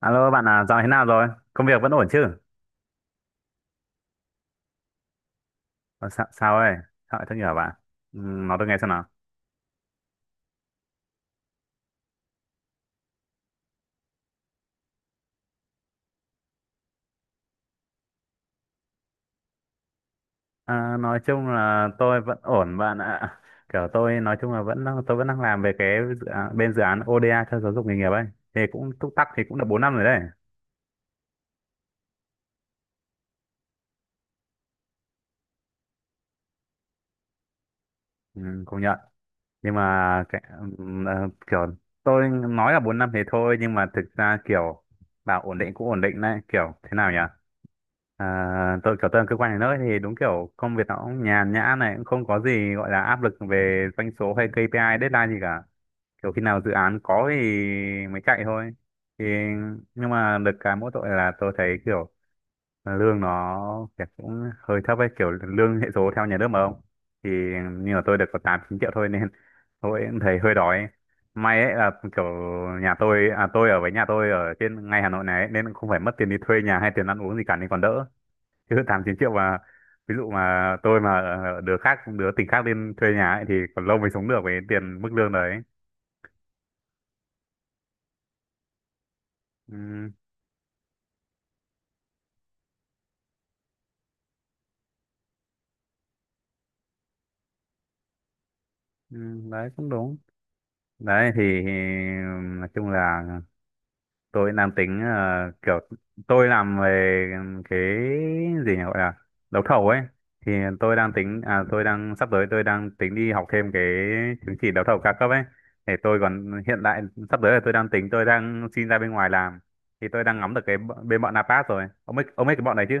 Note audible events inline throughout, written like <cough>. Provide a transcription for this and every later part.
Alo bạn à, dạo thế nào rồi? Công việc vẫn ổn chứ? Ờ, sao ấy? Sao lại thất nghiệp bạn? Ừ, nói tôi nghe xem nào. À, nói chung là tôi vẫn ổn bạn ạ. Kiểu tôi nói chung là tôi vẫn đang làm về cái dự án, bên dự án ODA cho giáo dục nghề nghiệp ấy. Thì cũng túc tắc thì cũng được bốn năm rồi đấy. Ừ, công nhận. Nhưng mà cái, kiểu tôi nói là 4 năm thì thôi, nhưng mà thực ra kiểu bảo ổn định cũng ổn định đấy, kiểu thế nào nhỉ? À, tôi kiểu tôi làm cơ quan nhà nước thì đúng kiểu công việc nó cũng nhàn nhã, này cũng không có gì gọi là áp lực về doanh số hay KPI deadline gì cả, kiểu khi nào dự án có thì mới chạy thôi. Thì nhưng mà được cái mỗi tội là tôi thấy kiểu lương nó kiểu cũng hơi thấp ấy, kiểu lương hệ số theo nhà nước mà không, thì như là tôi được có tám chín triệu thôi nên <laughs> tôi cũng thấy hơi đói. May ấy là kiểu nhà tôi, à tôi ở với nhà tôi ở trên ngay Hà Nội này ấy, nên không phải mất tiền đi thuê nhà hay tiền ăn uống gì cả nên còn đỡ, chứ tám chín triệu mà ví dụ mà tôi mà đứa khác đứa tỉnh khác lên thuê nhà ấy, thì còn lâu mới sống được với tiền mức lương đấy. Ừ, ừ, đấy cũng đúng đấy. Thì nói chung là tôi nam tính kiểu tôi làm về cái gì nhỉ, gọi là đấu thầu ấy, thì tôi đang tính, à tôi đang sắp tới tôi đang tính đi học thêm cái chứng chỉ đấu thầu cao cấp ấy để tôi còn hiện tại sắp tới là tôi đang tính tôi đang xin ra bên ngoài làm. Thì tôi đang ngắm được cái bên bọn Napat rồi, ông biết cái bọn này chứ?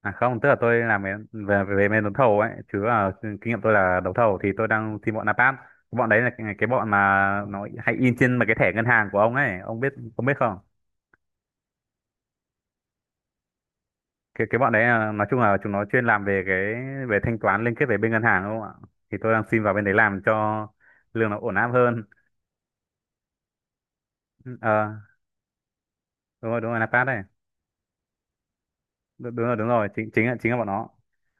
À không, tức là tôi làm về về, về bên đấu thầu ấy, chứ là kinh nghiệm tôi là đấu thầu, thì tôi đang xin bọn Napat. Bọn đấy là cái bọn mà nó hay in trên mà cái thẻ ngân hàng của ông ấy, ông biết không? Cái bọn đấy là, nói chung là chúng nó chuyên làm về về thanh toán liên kết về bên ngân hàng đúng không ạ? Thì tôi đang xin vào bên đấy làm cho lương nó ổn áp hơn. Ờ, đúng rồi, đúng rồi, Napat đây. Đúng, đúng rồi, đúng rồi, chính chính là bọn nó.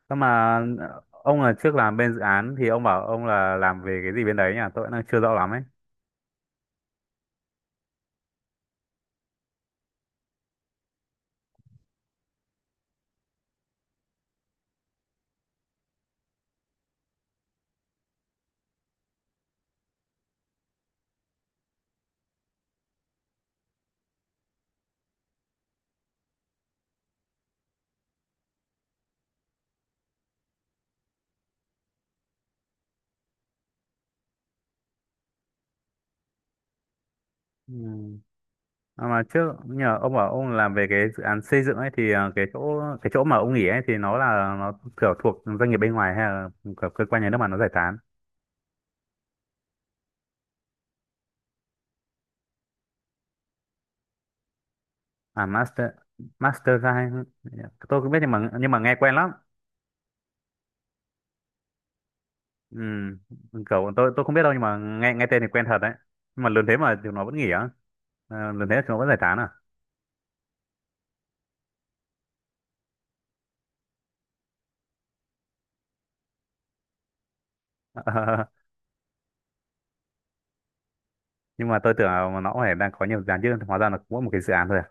Nhưng mà ông là trước làm bên dự án thì ông bảo ông là làm về cái gì bên đấy nhỉ, tôi vẫn đang chưa rõ lắm ấy. Ừ. À mà trước nhờ ông bảo ông làm về cái dự án xây dựng ấy thì cái chỗ mà ông nghỉ ấy, thì nó là nó kiểu thuộc doanh nghiệp bên ngoài hay là kiểu cơ quan nhà nước mà nó giải tán? À master master guy, tôi cũng biết nhưng mà nghe quen lắm. Ừ, kiểu tôi không biết đâu, nhưng mà nghe nghe tên thì quen thật đấy. Nhưng mà lần thế mà chúng nó vẫn nghỉ á? À, lần thế chúng nó vẫn giải tán à? <laughs> Ờ, nhưng mà tôi tưởng là nó cũng phải đang có nhiều dự án chứ, hóa ra là cũng có một cái dự án thôi à?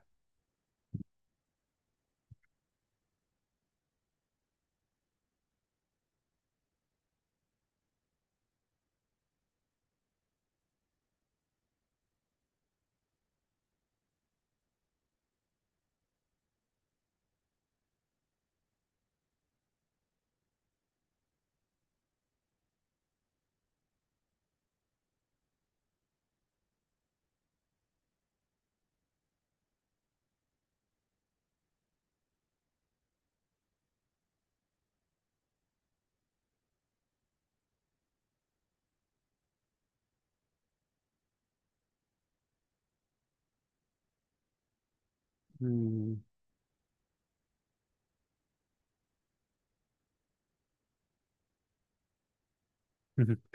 Ừ. <laughs>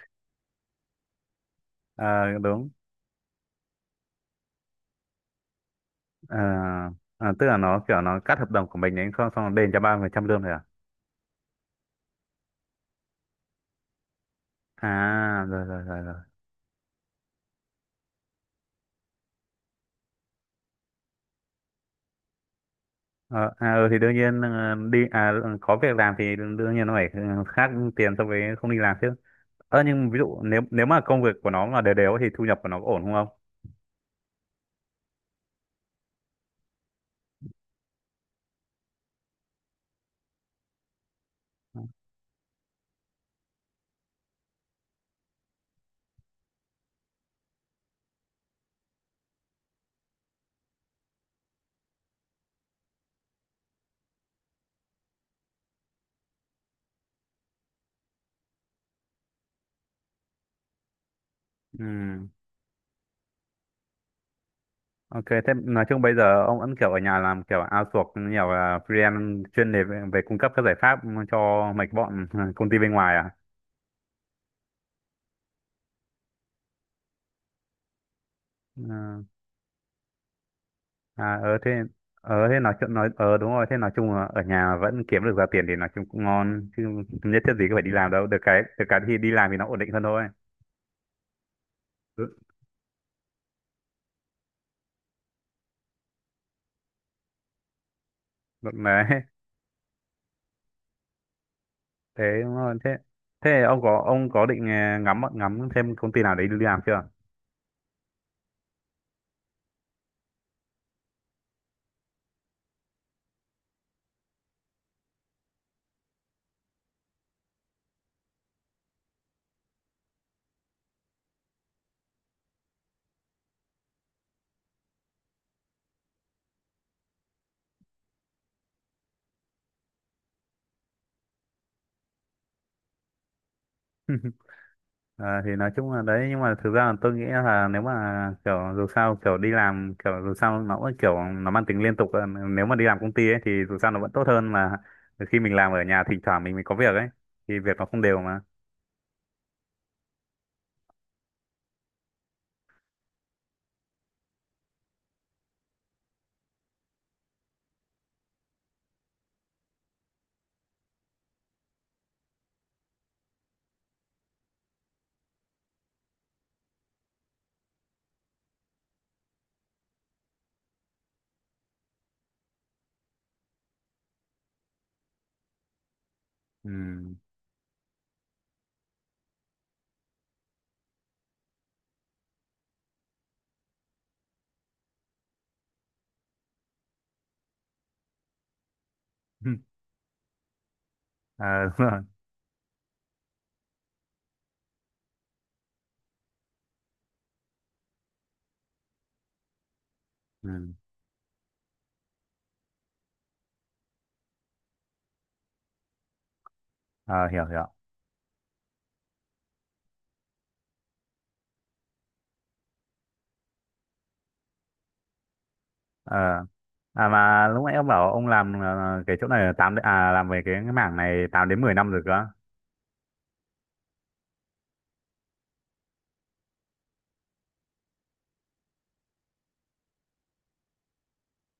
Ờ, đúng. Ờ, tức là nó kiểu nó cắt hợp đồng của mình ấy không, xong nó đền cho 3% lương thôi à? À, rồi rồi rồi rồi. Ờ, à, ừ, thì đương nhiên đi, à ừ, có việc làm thì đương nhiên nó phải khác tiền so với không đi làm chứ. Ờ, nhưng ví dụ nếu nếu mà công việc của nó mà đều đều thì thu nhập của nó có ổn không ông? Ừ. Ok, thế nói chung bây giờ ông vẫn kiểu ở nhà làm kiểu outsource nhiều là freelance chuyên đề về cung cấp các giải pháp cho mấy cái bọn công ty bên ngoài à? Ừ. À, ờ thế, ờ thế nói chuyện nói, ờ đúng rồi, thế nói chung là ở nhà vẫn kiếm được ra tiền thì nói chung cũng ngon chứ, nhất thiết gì cứ phải đi làm đâu, được cái thì đi làm thì nó ổn định hơn thôi. Ừ. Được này. <laughs> Thế đúng rồi, thế thế ông có định à, ngắm ngắm xem công ty nào đấy đi làm chưa? <laughs> À, thì nói chung là đấy, nhưng mà thực ra là tôi nghĩ là nếu mà kiểu dù sao kiểu đi làm kiểu dù sao nó cũng kiểu nó mang tính liên tục à, nếu mà đi làm công ty ấy thì dù sao nó vẫn tốt hơn là khi mình làm ở nhà thỉnh thoảng mình mới có việc ấy, thì việc nó không đều mà. Ừ. <laughs> À, đúng rồi. Ừ. À, hiểu hiểu. Ờ, à mà lúc nãy ông bảo ông làm cái chỗ này là tám, à làm về cái mảng này 8 đến 10 năm rồi cơ à?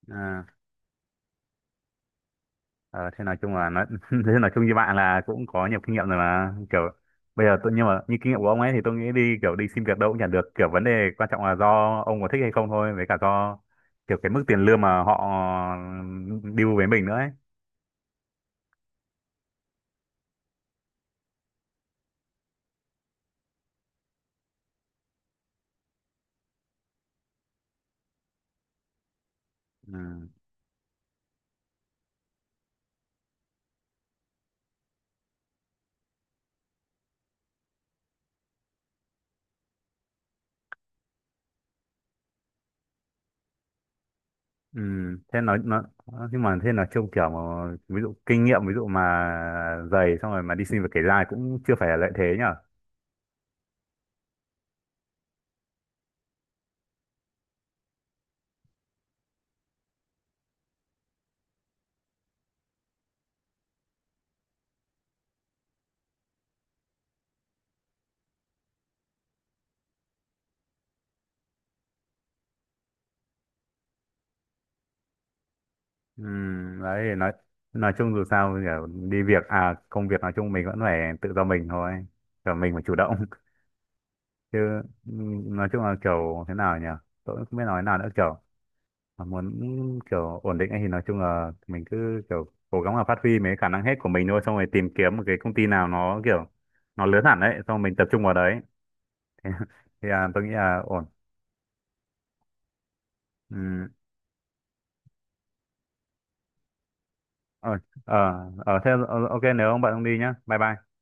Ờ, ờ, thế nói chung là nói <laughs> thế nói chung như bạn là cũng có nhiều kinh nghiệm rồi mà kiểu bây giờ tôi, nhưng mà như kinh nghiệm của ông ấy thì tôi nghĩ đi kiểu đi xin việc đâu cũng chả được, kiểu vấn đề quan trọng là do ông có thích hay không thôi, với cả do kiểu cái mức tiền lương mà họ ừ, deal với mình nữa ấy. Ừ. Ừ, thế nói nó, nhưng mà thế là trông kiểu mà, ví dụ kinh nghiệm ví dụ mà dày xong rồi mà đi xin việc kể ra cũng chưa phải là lợi thế nhở? Ừ, đấy nói chung dù sao kiểu đi việc à công việc nói chung mình vẫn phải tự do mình thôi, kiểu mình phải chủ động. <laughs> Chứ ừ, nói chung là kiểu thế nào nhỉ, tôi cũng không biết nói nào nữa, kiểu mà muốn kiểu ổn định ấy thì nói chung là mình cứ kiểu cố gắng là phát huy mấy khả năng hết của mình thôi, xong rồi tìm kiếm một cái công ty nào nó kiểu nó lớn hẳn đấy, xong rồi mình tập trung vào đấy. <laughs> Thì à, tôi nghĩ là ổn. Ừ. Ờ. Ờ. Ờ thế ok, nếu ông bận ông đi nhá, bye bye.